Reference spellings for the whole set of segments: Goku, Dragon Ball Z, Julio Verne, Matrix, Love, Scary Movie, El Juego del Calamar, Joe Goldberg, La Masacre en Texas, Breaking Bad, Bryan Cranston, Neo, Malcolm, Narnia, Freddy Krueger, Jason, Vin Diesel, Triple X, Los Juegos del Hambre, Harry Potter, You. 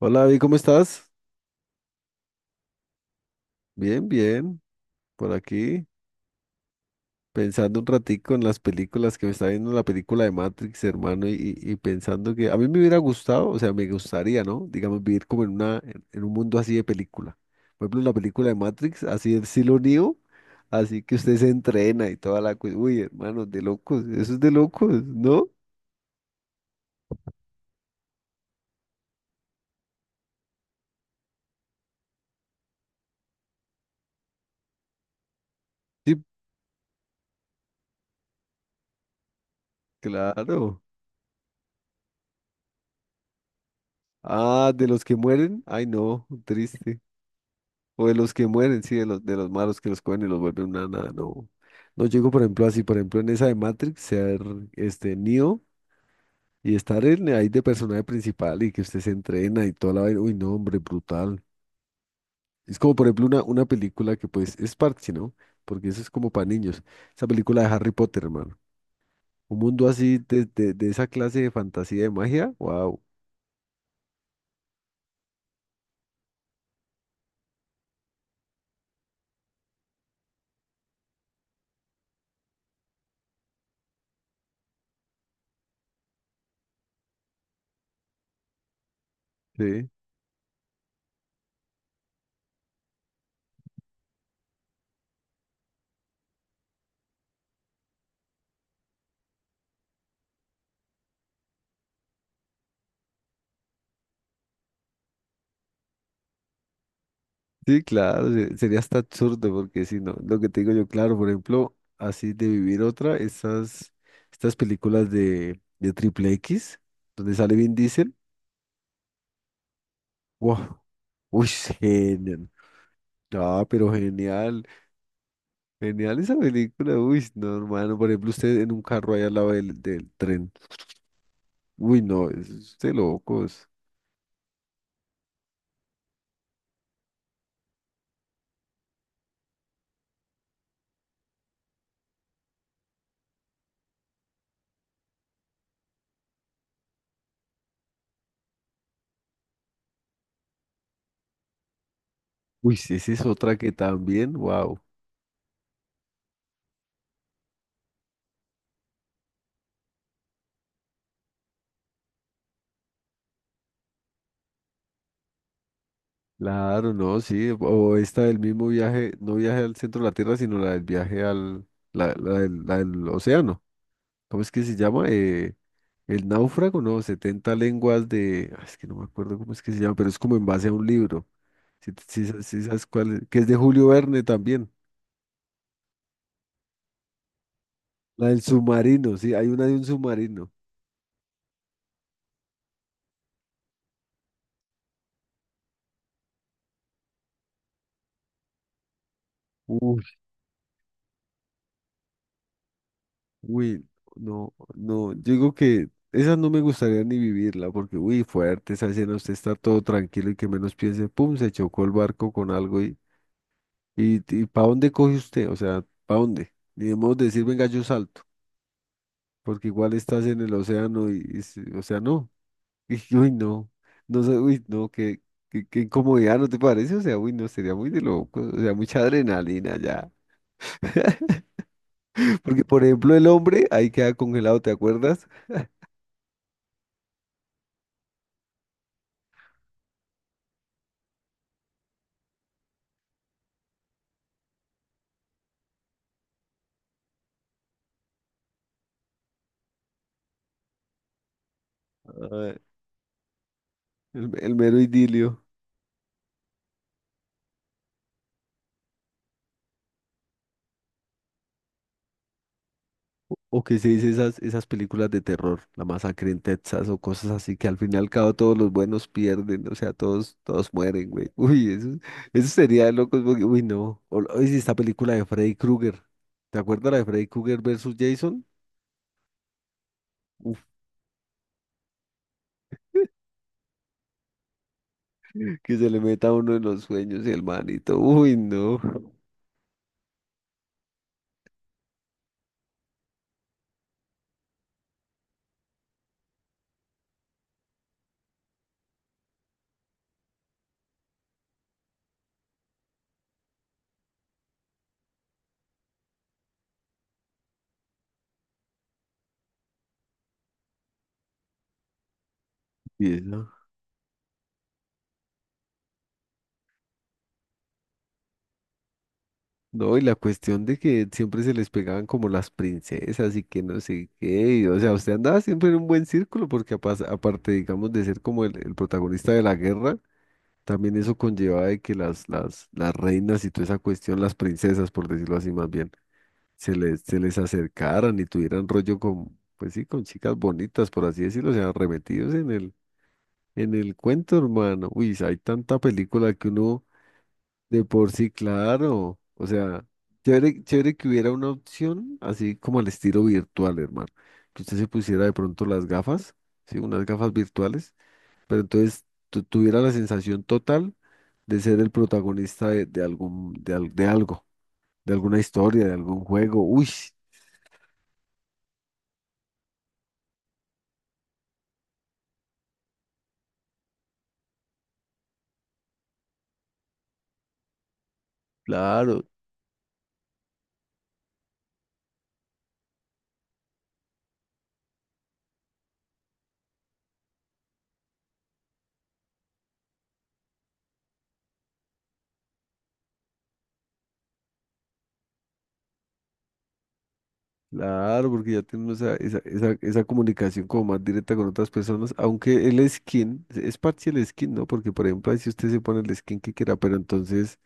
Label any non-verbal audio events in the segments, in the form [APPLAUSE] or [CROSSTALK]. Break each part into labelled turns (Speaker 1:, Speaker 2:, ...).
Speaker 1: Hola, David, ¿cómo estás? Bien, bien, por aquí, pensando un ratico en las películas que me está viendo la película de Matrix, hermano, y pensando que a mí me hubiera gustado, o sea, me gustaría, ¿no? Digamos, vivir como en un mundo así de película. Por ejemplo, la película de Matrix, así el estilo Neo, así que usted se entrena y toda la cosa. Uy, hermano, de locos, eso es de locos, ¿no? Sí, claro. Ah, de los que mueren, ay, no, triste. O de los que mueren, sí, de los malos que los cogen y los vuelven una nada. No, no llego, por ejemplo, así, por ejemplo, en esa de Matrix, ser este Neo y estar ahí de personaje principal y que usted se entrena y toda la vaina. Uy, no, hombre, brutal. Es como, por ejemplo, una película que pues es parche, ¿no? Porque eso es como para niños. Esa película de Harry Potter, hermano. Un mundo así de esa clase de fantasía de magia. Wow. Sí. Sí, claro, sería hasta absurdo porque si no, lo que te digo yo, claro, por ejemplo, así de vivir otra, estas películas de Triple X, donde sale Vin Diesel. Wow. Uy, [LAUGHS] genial, ah, pero genial, genial esa película. Uy, no, hermano, por ejemplo, usted en un carro ahí al lado del tren. Uy, no, es de locos. Uy, sí, esa es otra que también, wow. Claro, no, sí, o esta del mismo viaje, no viaje al centro de la Tierra, sino la del viaje al, la, la del océano. ¿Cómo es que se llama? El náufrago, no, 70 lenguas de, es que no me acuerdo cómo es que se llama, pero es como en base a un libro. Si sabes cuál es, que es de Julio Verne también. La del submarino, sí, hay una de un submarino. Uy, no, no, yo digo que esa no me gustaría ni vivirla, porque uy, fuerte esa escena, usted está todo tranquilo y que menos piense, pum, se chocó el barco con algo ¿para dónde coge usted? O sea, ¿para dónde? Ni debemos decir, venga, yo salto, porque igual estás en el océano y o sea, no. [LAUGHS] Y, uy, no, no sé, uy, no, qué incomodidad, ¿no te parece? O sea, uy, no, sería muy de loco, o sea, mucha adrenalina ya. [LAUGHS] Porque por ejemplo el hombre ahí queda congelado, ¿te acuerdas? El mero idilio. O que se dice esas películas de terror, La Masacre en Texas o cosas así, que al fin y al cabo todos los buenos pierden, o sea, todos mueren, güey. [LAUGHS] Uy, eso sería de locos, porque, uy, no. Oye, si esta película de Freddy Krueger, ¿te acuerdas la de Freddy Krueger versus Jason? Uf, que se le meta a uno en los sueños y el manito, uy, no. Y eso. No, y la cuestión de que siempre se les pegaban como las princesas y que no sé qué, y, o sea, usted andaba siempre en un buen círculo porque aparte, digamos, de ser como el protagonista de la guerra, también eso conllevaba de que las reinas y toda esa cuestión, las princesas, por decirlo así más bien, se les acercaran y tuvieran rollo con, pues sí, con chicas bonitas, por así decirlo, o sea, remetidos en el cuento, hermano. Uy, hay tanta película que uno... De por sí, claro. O sea, chévere, chévere que hubiera una opción así como al estilo virtual, hermano. Que usted se pusiera de pronto las gafas, ¿sí? Unas gafas virtuales, pero entonces tuviera la sensación total de ser el protagonista de algo, de alguna historia, de algún juego. Uy, claro. Claro, porque ya tenemos esa comunicación como más directa con otras personas, aunque el skin es parte del skin, ¿no? Porque, por ejemplo, ahí si usted se pone el skin que quiera, pero entonces,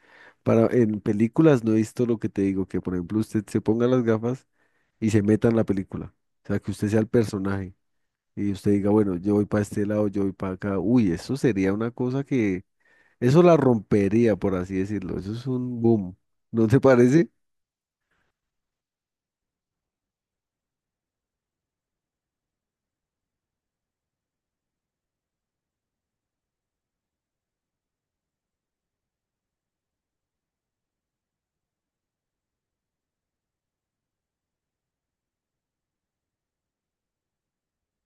Speaker 1: para, en películas no he visto lo que te digo, que, por ejemplo, usted se ponga las gafas y se meta en la película, o sea, que usted sea el personaje y usted diga, bueno, yo voy para este lado, yo voy para acá. Uy, eso sería una cosa que, eso la rompería, por así decirlo, eso es un boom, ¿no te parece? [LAUGHS]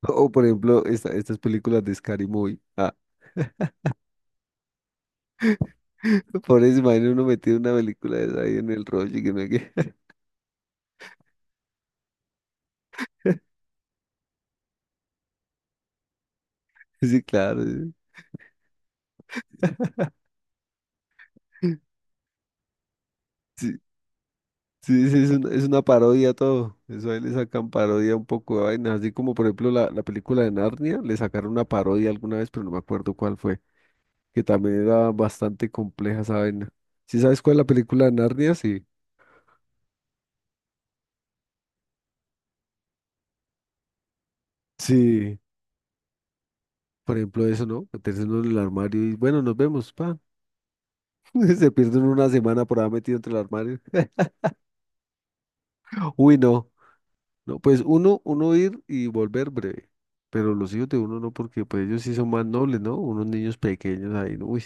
Speaker 1: Por ejemplo, estas películas de Scary Movie. [LAUGHS] Por eso, imagino uno metido una película de esa ahí en el rollo y que no hay que... [LAUGHS] Sí, claro. Sí, [LAUGHS] sí, sí, sí, es una, parodia todo. Eso ahí le sacan parodia un poco de vainas. Así como, por ejemplo, la película de Narnia, le sacaron una parodia alguna vez, pero no me acuerdo cuál fue. Que también era bastante compleja esa vaina. ¿Sí sabes cuál es la película de Narnia? Sí. Sí. Por ejemplo, eso, ¿no? Meterse uno en el armario y, bueno, nos vemos, pa. [LAUGHS] Se pierden una semana por haber metido entre el armario. [LAUGHS] Uy, no. No, pues uno ir y volver breve, pero los hijos de uno no, porque pues ellos sí son más nobles, ¿no? Unos niños pequeños ahí, ¿no? Uy,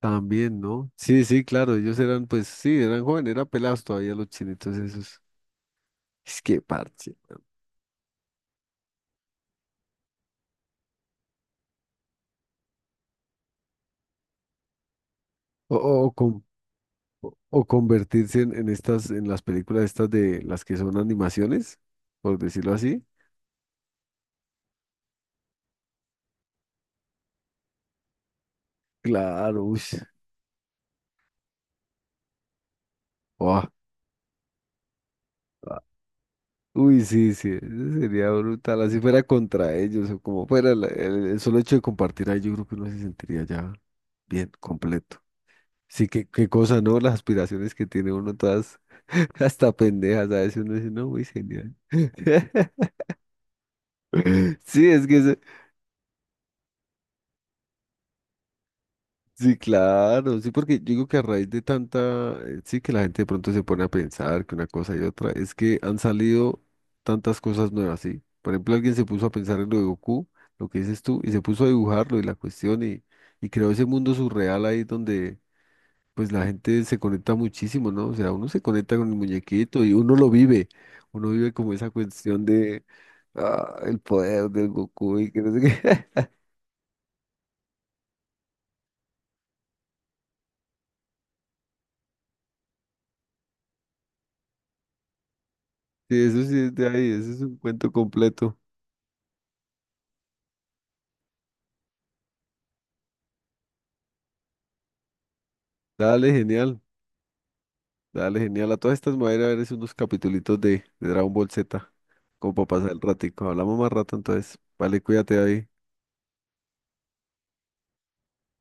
Speaker 1: también, ¿no? Sí, sí, claro, ellos eran, pues sí, eran jóvenes, eran pelados todavía los chinitos esos. Es que parche. O, o, o con- o convertirse en las películas estas de las que son animaciones, por decirlo así. Claro, uy. Buah. Uy, sí, sí, eso sería brutal, así fuera contra ellos o como fuera, el solo hecho de compartir ahí, yo creo que uno se sentiría ya bien, completo. Sí, qué cosa, ¿no? Las aspiraciones que tiene uno todas [LAUGHS] hasta pendejas, a veces uno dice, no, muy genial. [LAUGHS] Sí, es que eso, sí, claro, sí, porque yo digo que a raíz de tanta, sí que la gente de pronto se pone a pensar que una cosa y otra, es que han salido tantas cosas nuevas, ¿sí? Por ejemplo, alguien se puso a pensar en lo de Goku, lo que dices tú, y se puso a dibujarlo y la cuestión, y creó ese mundo surreal ahí donde pues la gente se conecta muchísimo, ¿no? O sea, uno se conecta con el muñequito y uno lo vive, uno vive como esa cuestión de, el poder del Goku y que no sé qué. [LAUGHS] Sí, eso sí es de ahí, eso es un cuento completo. Dale, genial. Dale, genial. A todas estas me voy a ir a ver es unos capitulitos de Dragon Ball Z, como para pasar el ratico. Hablamos más rato entonces. Vale, cuídate ahí.